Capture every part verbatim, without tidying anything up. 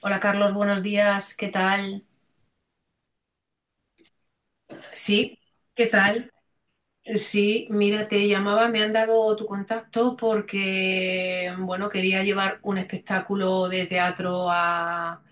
Hola Carlos, buenos días, ¿qué tal? Sí, ¿qué tal? Sí, mira, te llamaba, me han dado tu contacto porque, bueno, quería llevar un espectáculo de teatro a-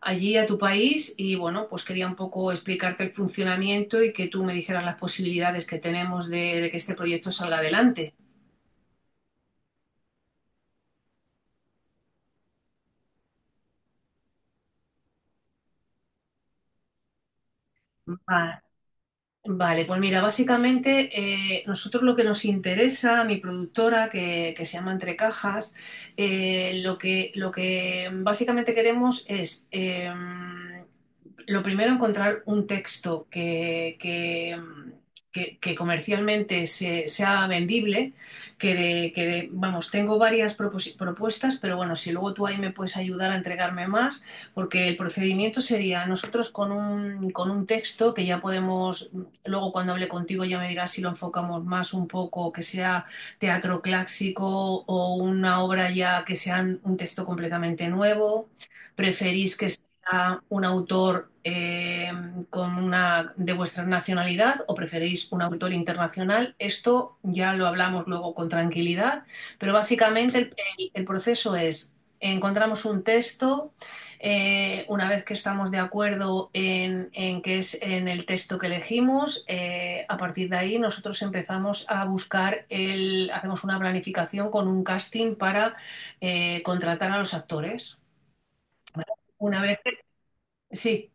allí, a tu país, y bueno, pues quería un poco explicarte el funcionamiento y que tú me dijeras las posibilidades que tenemos de, de que este proyecto salga adelante. Vale. Vale, pues mira, básicamente eh, nosotros lo que nos interesa, mi productora que, que se llama Entre Cajas, eh, lo que, lo que básicamente queremos es, eh, lo primero, encontrar un texto que, que, que- que comercialmente se- sea vendible, que, de- que de- vamos, tengo varias propos- propuestas, pero bueno, si luego tú ahí me puedes ayudar a entregarme más. Porque el procedimiento sería nosotros con un, con un texto que ya podemos. Luego cuando hable contigo ya me dirás si lo enfocamos más un poco, que sea teatro clásico o una obra ya que sea un texto completamente nuevo. ¿Preferís que sea un autor eh, con una, de vuestra nacionalidad o preferís un autor internacional? Esto ya lo hablamos luego con tranquilidad, pero básicamente el, el- el proceso es, encontramos un texto eh, una vez que estamos de acuerdo en, en qué es en el texto que elegimos, eh, a partir de ahí nosotros empezamos a buscar el, hacemos una planificación con un casting para eh, contratar a los actores. Una vez que, sí.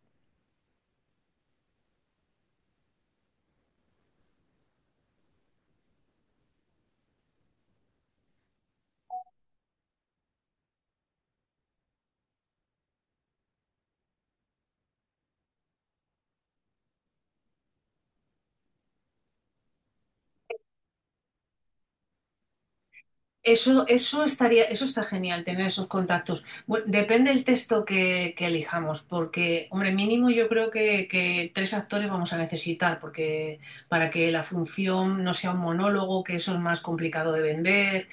Eso, eso estaría, eso está genial, tener esos contactos. Bueno, depende del texto que, que elijamos, porque, hombre, mínimo yo creo que, que tres actores vamos a necesitar, porque para que la función no sea un monólogo, que eso es más complicado de vender.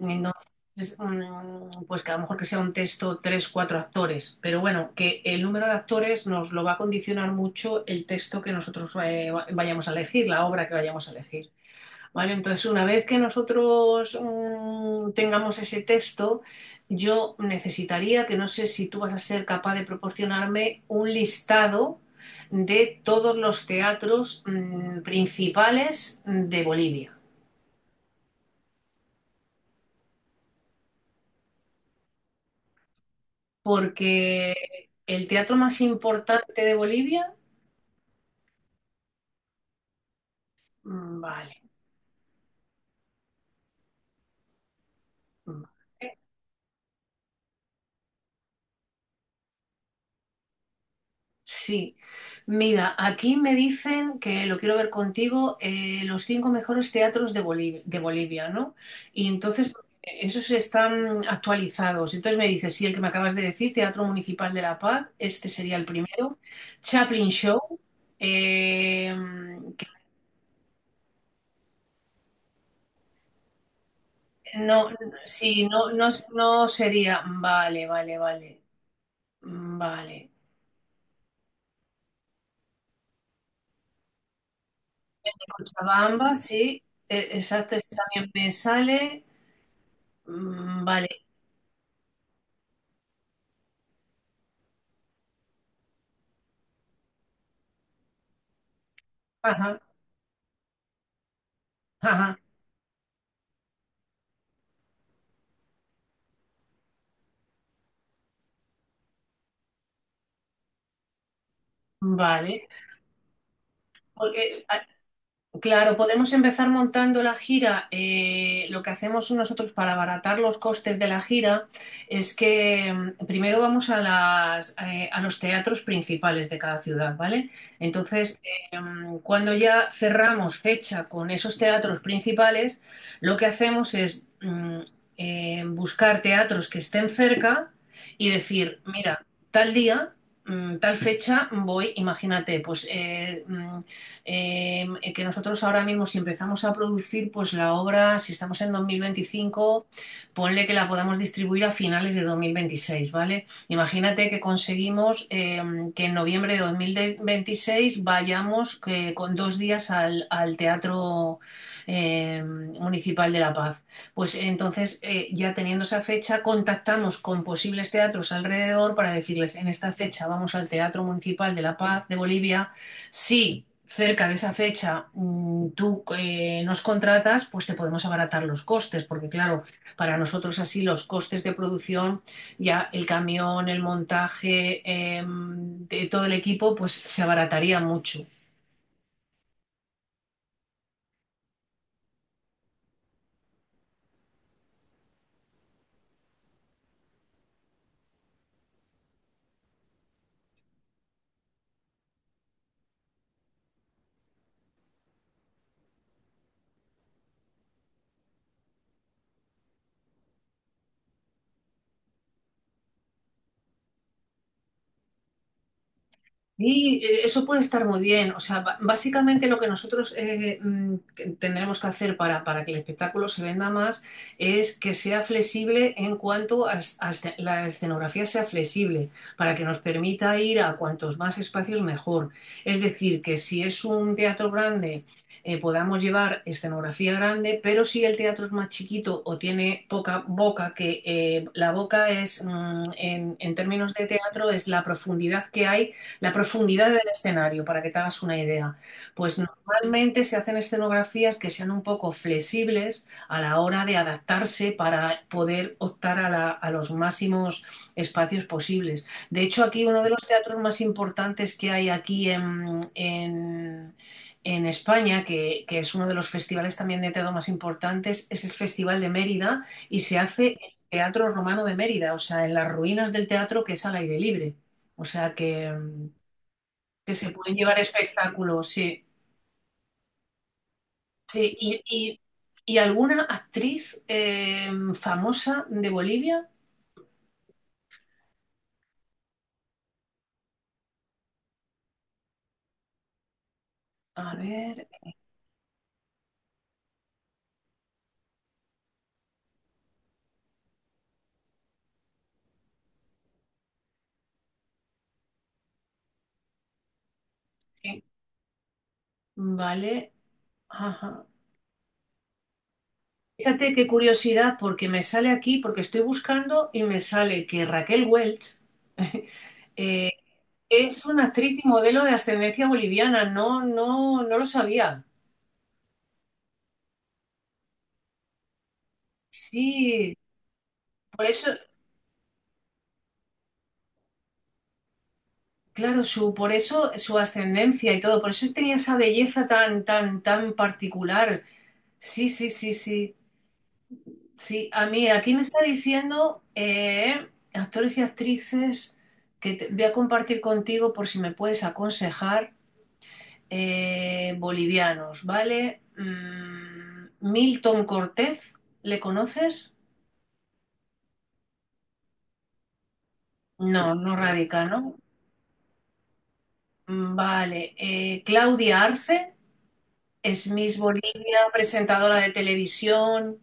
Entonces, mm, pues que a lo mejor que sea un texto tres, cuatro actores. Pero bueno, que el número de actores nos lo va a condicionar mucho el texto que nosotros eh, vayamos a elegir, la obra que vayamos a elegir. Vale, entonces una vez que nosotros mm, tengamos ese texto, yo necesitaría, que no sé si tú vas a ser capaz de proporcionarme un listado de todos los teatros mm, principales de Bolivia, porque el teatro más importante de Bolivia, mm, vale, vale. Sí, mira, aquí me dicen que lo quiero ver contigo, eh, los cinco mejores teatros de Bolivia, de Bolivia, ¿no? Y entonces esos están actualizados. Entonces me dices, sí, el que me acabas de decir, Teatro Municipal de La Paz, este sería el primero. Chaplin Show, eh, que no, sí, no, no, no sería, vale, vale, vale, mm, vale. Cochabamba, sí, e- exacto, este también me sale. Mm, vale. Ajá. Ajá, vale. Porque Claro, podemos empezar montando la gira. Eh, lo que hacemos nosotros para abaratar los costes de la gira es que mm, primero vamos a las, eh, a los teatros principales de cada ciudad, ¿vale? Entonces, eh, mm, cuando ya cerramos fecha con esos teatros principales, lo que hacemos es mm, eh, buscar teatros que estén cerca y decir, mira, tal día, mm, tal fecha voy, imagínate, pues eh, mm, em, eh, que nosotros ahora mismo si empezamos a producir, pues la obra, si estamos en dos mil veinticinco, ponle que la podamos distribuir a finales de dos mil veintiséis, ¿vale? Imagínate que conseguimos eh, que en noviembre de dos mil veintiséis vayamos eh, con dos días al, al Teatro eh, Municipal de La Paz. Pues entonces, eh, ya teniendo esa fecha, contactamos con posibles teatros alrededor para decirles, en esta fecha vamos al Teatro Municipal de La Paz de Bolivia, sí cerca de esa fecha mm, tú eh, nos contratas, pues te podemos abaratar los costes, porque claro, para nosotros así los costes de producción, ya el camión, el montaje, eh, de todo el equipo, pues se abarataría mucho. Sí, eh, eso puede estar muy bien. O sea, ba- básicamente lo que nosotros eh, mm, que tendremos que hacer para, para que el espectáculo se venda más es que sea flexible en cuanto a, es- a esce- la escenografía sea flexible, para que nos permita ir a cuantos más espacios mejor. Es decir, que si es un teatro grande, eh, podamos llevar escenografía grande, pero si el teatro es más chiquito o tiene poca boca, que eh, la boca es, mm, en en términos de teatro, es la profundidad que hay la profundidad del escenario, para que te hagas una idea. Pues normalmente se hacen escenografías que sean un poco flexibles a la hora de adaptarse para poder optar a, la- a los máximos espacios posibles. De hecho, aquí uno de los teatros más importantes que hay aquí en, en- en España, que, que es uno de los festivales también de teatro más importantes, es el Festival de Mérida y se hace en el Teatro Romano de Mérida, o sea, en las ruinas del teatro que es al aire libre. O sea que, que se pueden llevar espectáculos, sí. Sí, y, y- y alguna actriz eh, famosa de Bolivia. A ver, eh, vale. Ajá. Fíjate qué curiosidad, porque me sale aquí, porque estoy buscando y me sale que Raquel Welch eh, es una actriz y modelo de ascendencia boliviana. No, no, no lo sabía. Sí, por eso, claro, su, por eso su ascendencia y todo, por eso tenía esa belleza tan, tan, tan particular. Sí, sí, sí, sí. Sí, a mí aquí me está diciendo eh, actores y actrices que te- voy a compartir contigo por si me puedes aconsejar eh, bolivianos, ¿vale? Mm, Milton Cortez, ¿le conoces? No, no radica, ¿no? Mm, vale. eh, Claudia Arce es Miss Bolivia, presentadora de televisión.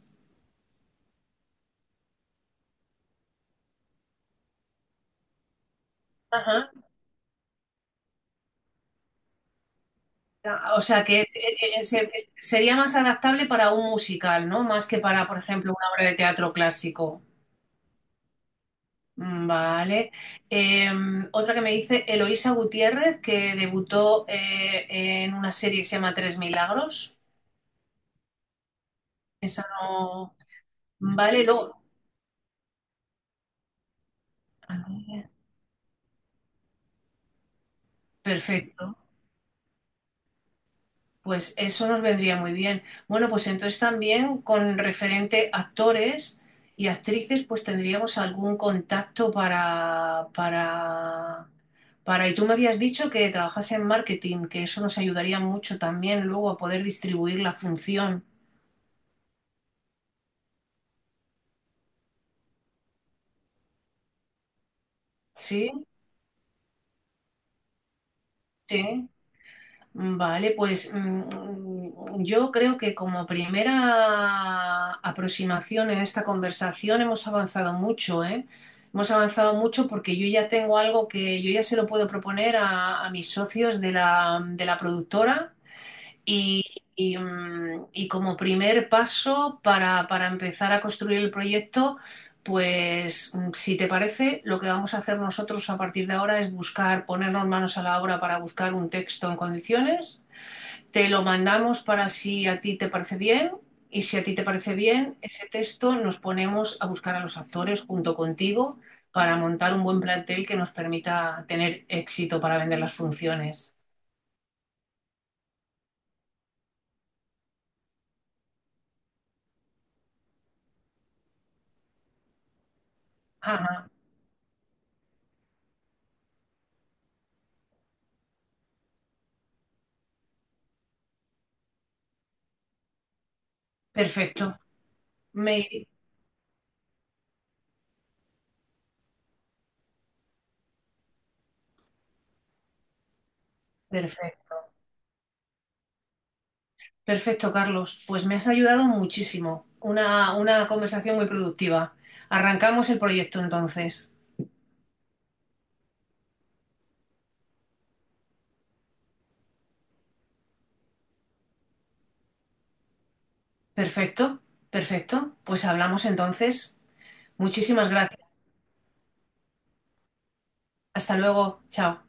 Ah, o sea que es- es- es- sería más adaptable para un musical, ¿no? Más que para, por ejemplo, una obra de teatro clásico. Mm, vale. Eh, Otra que me dice Eloísa Gutiérrez, que debutó eh, en una serie que se llama Tres Milagros. No, vale, luego. Perfecto. Pues eso nos vendría muy bien. Bueno, pues entonces también con referente actores y actrices, pues tendríamos algún contacto para, para, para... Y tú me habías dicho que trabajase en marketing, que eso nos ayudaría mucho también luego a poder distribuir la función. Sí, sí. Vale, pues mm, yo creo que como primera aproximación en esta conversación hemos avanzado mucho, ¿eh? Hemos avanzado mucho porque yo ya tengo algo que yo ya se lo puedo proponer a, a mis socios de la, de la productora y, y, mm, y como primer paso para, para empezar a construir el proyecto, pues mm, si te parece, lo que vamos a hacer nosotros a partir de ahora es buscar, ponernos manos a la obra para buscar un texto en condiciones. Te lo mandamos para si a ti te parece bien y si a ti te parece bien, ese texto nos ponemos a buscar a los actores junto contigo para montar un buen plantel que nos permita tener éxito para vender las funciones. Ajá, perfecto. Me- Perfecto. Perfecto, Carlos. Pues me has ayudado muchísimo. Una, una conversación muy productiva. Arrancamos el proyecto entonces. Perfecto, perfecto. Pues hablamos entonces. Muchísimas gracias. Hasta luego. Chao.